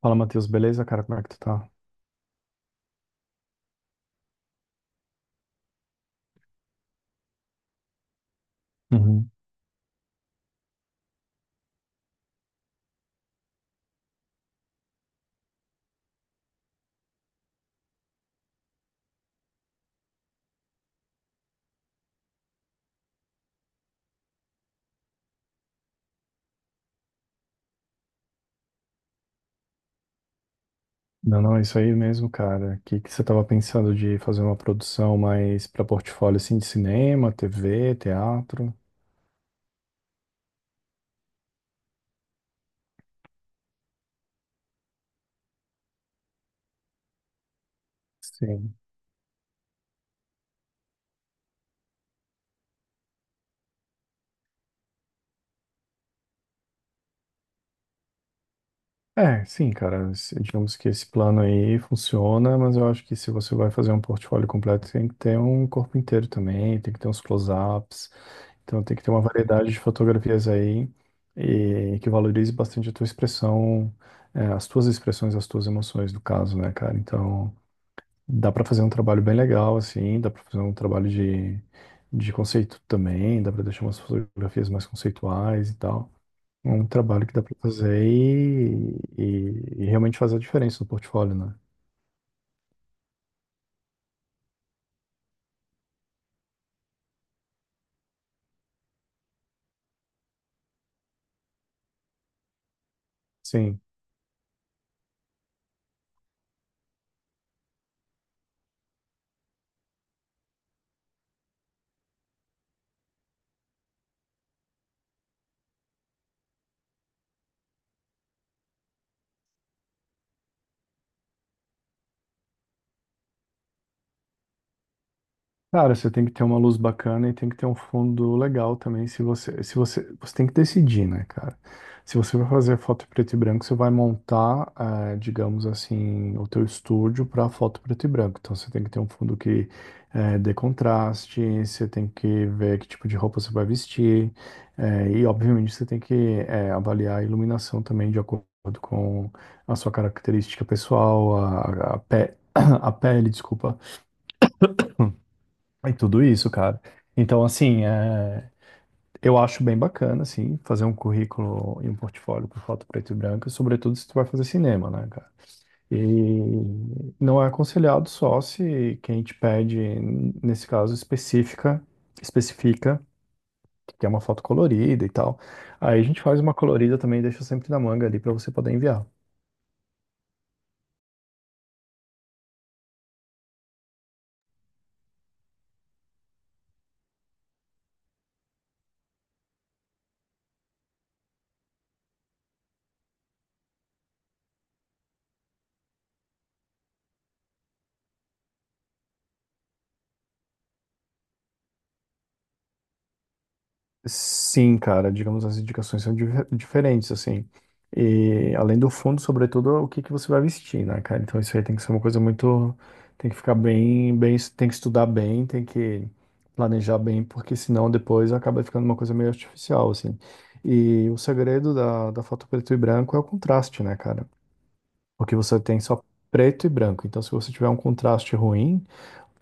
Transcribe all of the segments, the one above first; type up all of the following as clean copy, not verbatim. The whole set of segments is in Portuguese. Fala, Matheus, beleza, cara? Como é que tu tá? Uhum. Não, não, é isso aí mesmo, cara. O que que você tava pensando de fazer uma produção mais pra portfólio assim de cinema, TV, teatro? Sim. É, sim, cara. Digamos que esse plano aí funciona, mas eu acho que se você vai fazer um portfólio completo, tem que ter um corpo inteiro também, tem que ter uns close-ups, então tem que ter uma variedade de fotografias aí e que valorize bastante a tua expressão, as tuas expressões, as tuas emoções, no caso, né, cara? Então. Dá para fazer um trabalho bem legal, assim, dá para fazer um trabalho de conceito também, dá para deixar umas fotografias mais conceituais e tal. É um trabalho que dá para fazer e realmente fazer a diferença no portfólio, né? Sim. Cara, você tem que ter uma luz bacana e tem que ter um fundo legal também. Se você, se você, você tem que decidir, né, cara? Se você vai fazer foto preto e branco, você vai montar, digamos assim, o teu estúdio para foto preto e branco. Então você tem que ter um fundo que dê contraste, você tem que ver que tipo de roupa você vai vestir, e obviamente você tem que avaliar a iluminação também de acordo com a sua característica pessoal, a pele, desculpa e tudo isso, cara. Então, assim, eu acho bem bacana, assim, fazer um currículo e um portfólio com foto preto e branco, sobretudo se tu vai fazer cinema, né, cara? E não é aconselhado só se quem te pede, nesse caso, específica, especifica que é uma foto colorida e tal. Aí a gente faz uma colorida também e deixa sempre na manga ali pra você poder enviar. Sim, cara, digamos as indicações são diferentes, assim. E além do fundo, sobretudo, o que que você vai vestir, né, cara? Então isso aí tem que ser uma coisa muito. Tem que ficar bem, bem, tem que estudar bem, tem que planejar bem, porque senão depois acaba ficando uma coisa meio artificial, assim. E o segredo da foto preto e branco é o contraste, né, cara? Porque você tem só preto e branco. Então, se você tiver um contraste ruim,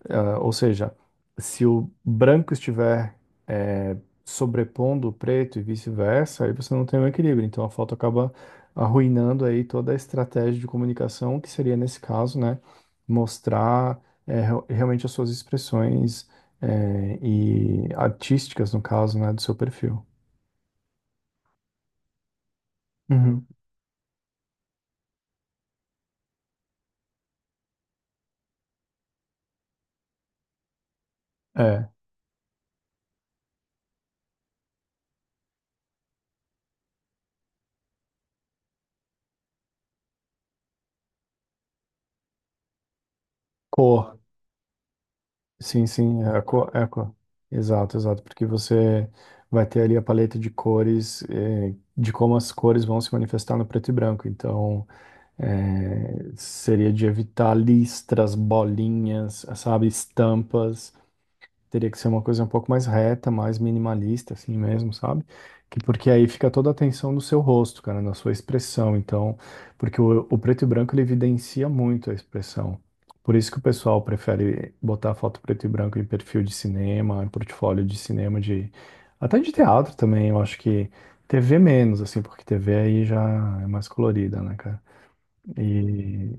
ou seja, se o branco estiver eh, sobrepondo o preto e vice-versa, aí você não tem um equilíbrio. Então a foto acaba arruinando aí toda a estratégia de comunicação, que seria nesse caso, né, mostrar realmente as suas expressões e artísticas, no caso, né, do seu perfil. Uhum. É, cor. Sim, sim, é a cor, é a cor. Exato, exato, porque você vai ter ali a paleta de cores, de como as cores vão se manifestar no preto e branco. Então, seria de evitar listras, bolinhas, sabe, estampas. Teria que ser uma coisa um pouco mais reta, mais minimalista, assim mesmo, sabe? Que porque aí fica toda a atenção no seu rosto, cara, na sua expressão. Então, porque o preto e branco ele evidencia muito a expressão. Por isso que o pessoal prefere botar foto preto e branco em perfil de cinema, em portfólio de cinema, de até de teatro também. Eu acho que TV menos, assim, porque TV aí já é mais colorida, né, cara? E,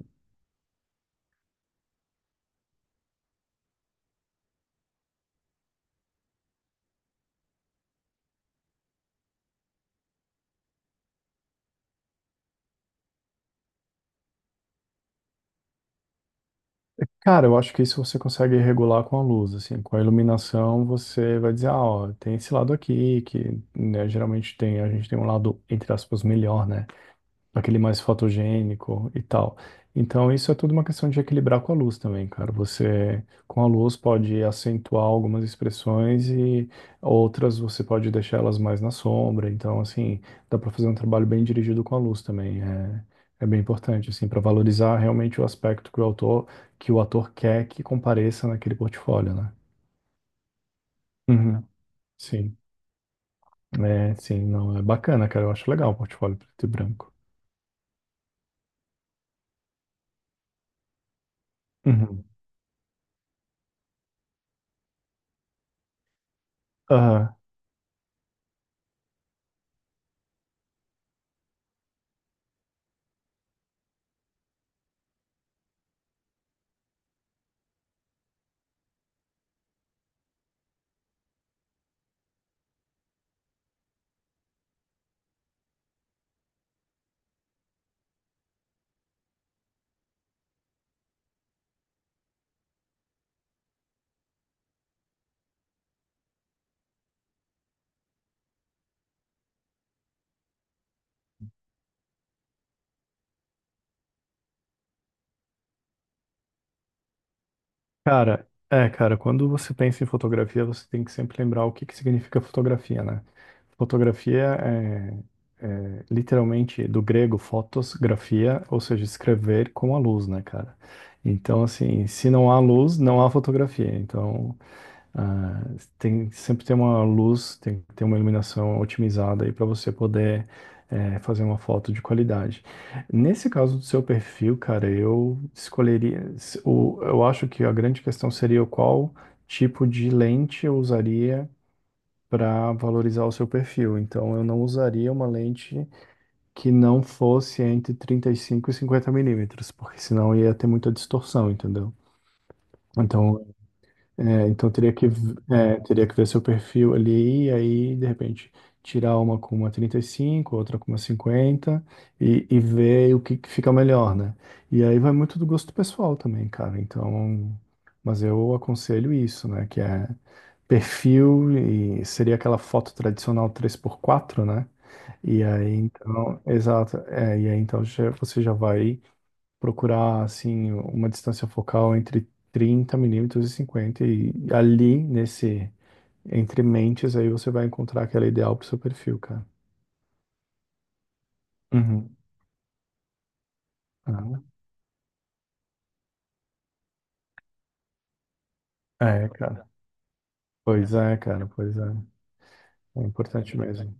cara, eu acho que isso você consegue regular com a luz, assim, com a iluminação você vai dizer, ah, ó, tem esse lado aqui, que né, geralmente tem, a gente tem um lado, entre aspas, melhor, né? Aquele mais fotogênico e tal. Então, isso é tudo uma questão de equilibrar com a luz também, cara. Você, com a luz, pode acentuar algumas expressões e outras você pode deixar elas mais na sombra. Então, assim, dá para fazer um trabalho bem dirigido com a luz também. É, é bem importante, assim, para valorizar realmente o aspecto que o autor, que o ator quer que compareça naquele portfólio, né? Uhum. Sim, é, sim, não, é bacana, cara. Eu acho legal o portfólio preto e branco. Uhum. Cara, é, cara, quando você pensa em fotografia, você tem que sempre lembrar o que que significa fotografia, né? Fotografia é literalmente do grego fotos, grafia, ou seja, escrever com a luz, né, cara? Então, assim, se não há luz, não há fotografia. Então, ah, tem sempre ter uma luz, tem que ter uma iluminação otimizada aí para você poder fazer uma foto de qualidade. Nesse caso do seu perfil, cara, eu escolheria. Eu acho que a grande questão seria qual tipo de lente eu usaria para valorizar o seu perfil. Então, eu não usaria uma lente que não fosse entre 35 e 50 mm, porque senão ia ter muita distorção, entendeu? Então, então teria que, teria que ver seu perfil ali, e aí, de repente, tirar uma com uma 35 outra com uma 50 e ver o que que fica melhor, né? E aí vai muito do gosto pessoal também, cara. Então, mas eu aconselho isso, né? Que é perfil, e seria aquela foto tradicional 3x4, né? E aí, então, exato. É, e aí, então, você já vai procurar assim uma distância focal entre 30 mm e 50 e ali nesse entre mentes aí você vai encontrar aquela ideal pro seu perfil, cara. Uhum. Ah, é, cara. Pois é, cara, pois é. É importante mesmo.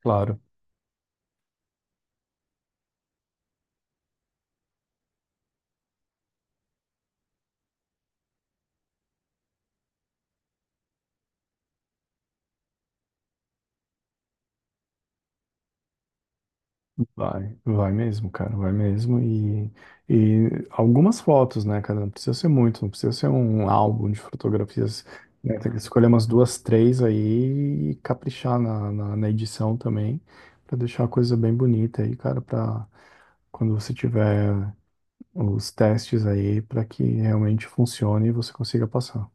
Claro. Vai, vai mesmo, cara, vai mesmo. E algumas fotos, né, cara? Não precisa ser muito, não precisa ser um álbum de fotografias, né? Tem que escolher umas duas, três aí e caprichar na edição também, pra deixar a coisa bem bonita aí, cara, pra quando você tiver os testes aí, pra que realmente funcione e você consiga passar.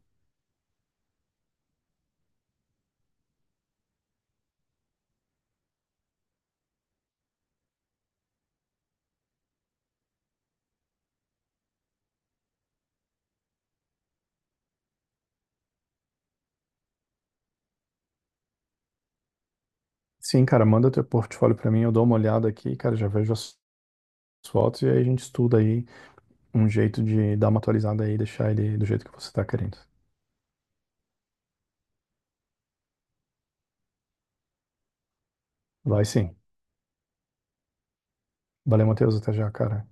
Sim, cara, manda teu portfólio pra mim, eu dou uma olhada aqui, cara, já vejo as fotos e aí a gente estuda aí. Um jeito de dar uma atualizada aí e deixar ele do jeito que você tá querendo. Vai sim. Valeu, Matheus. Até já, cara.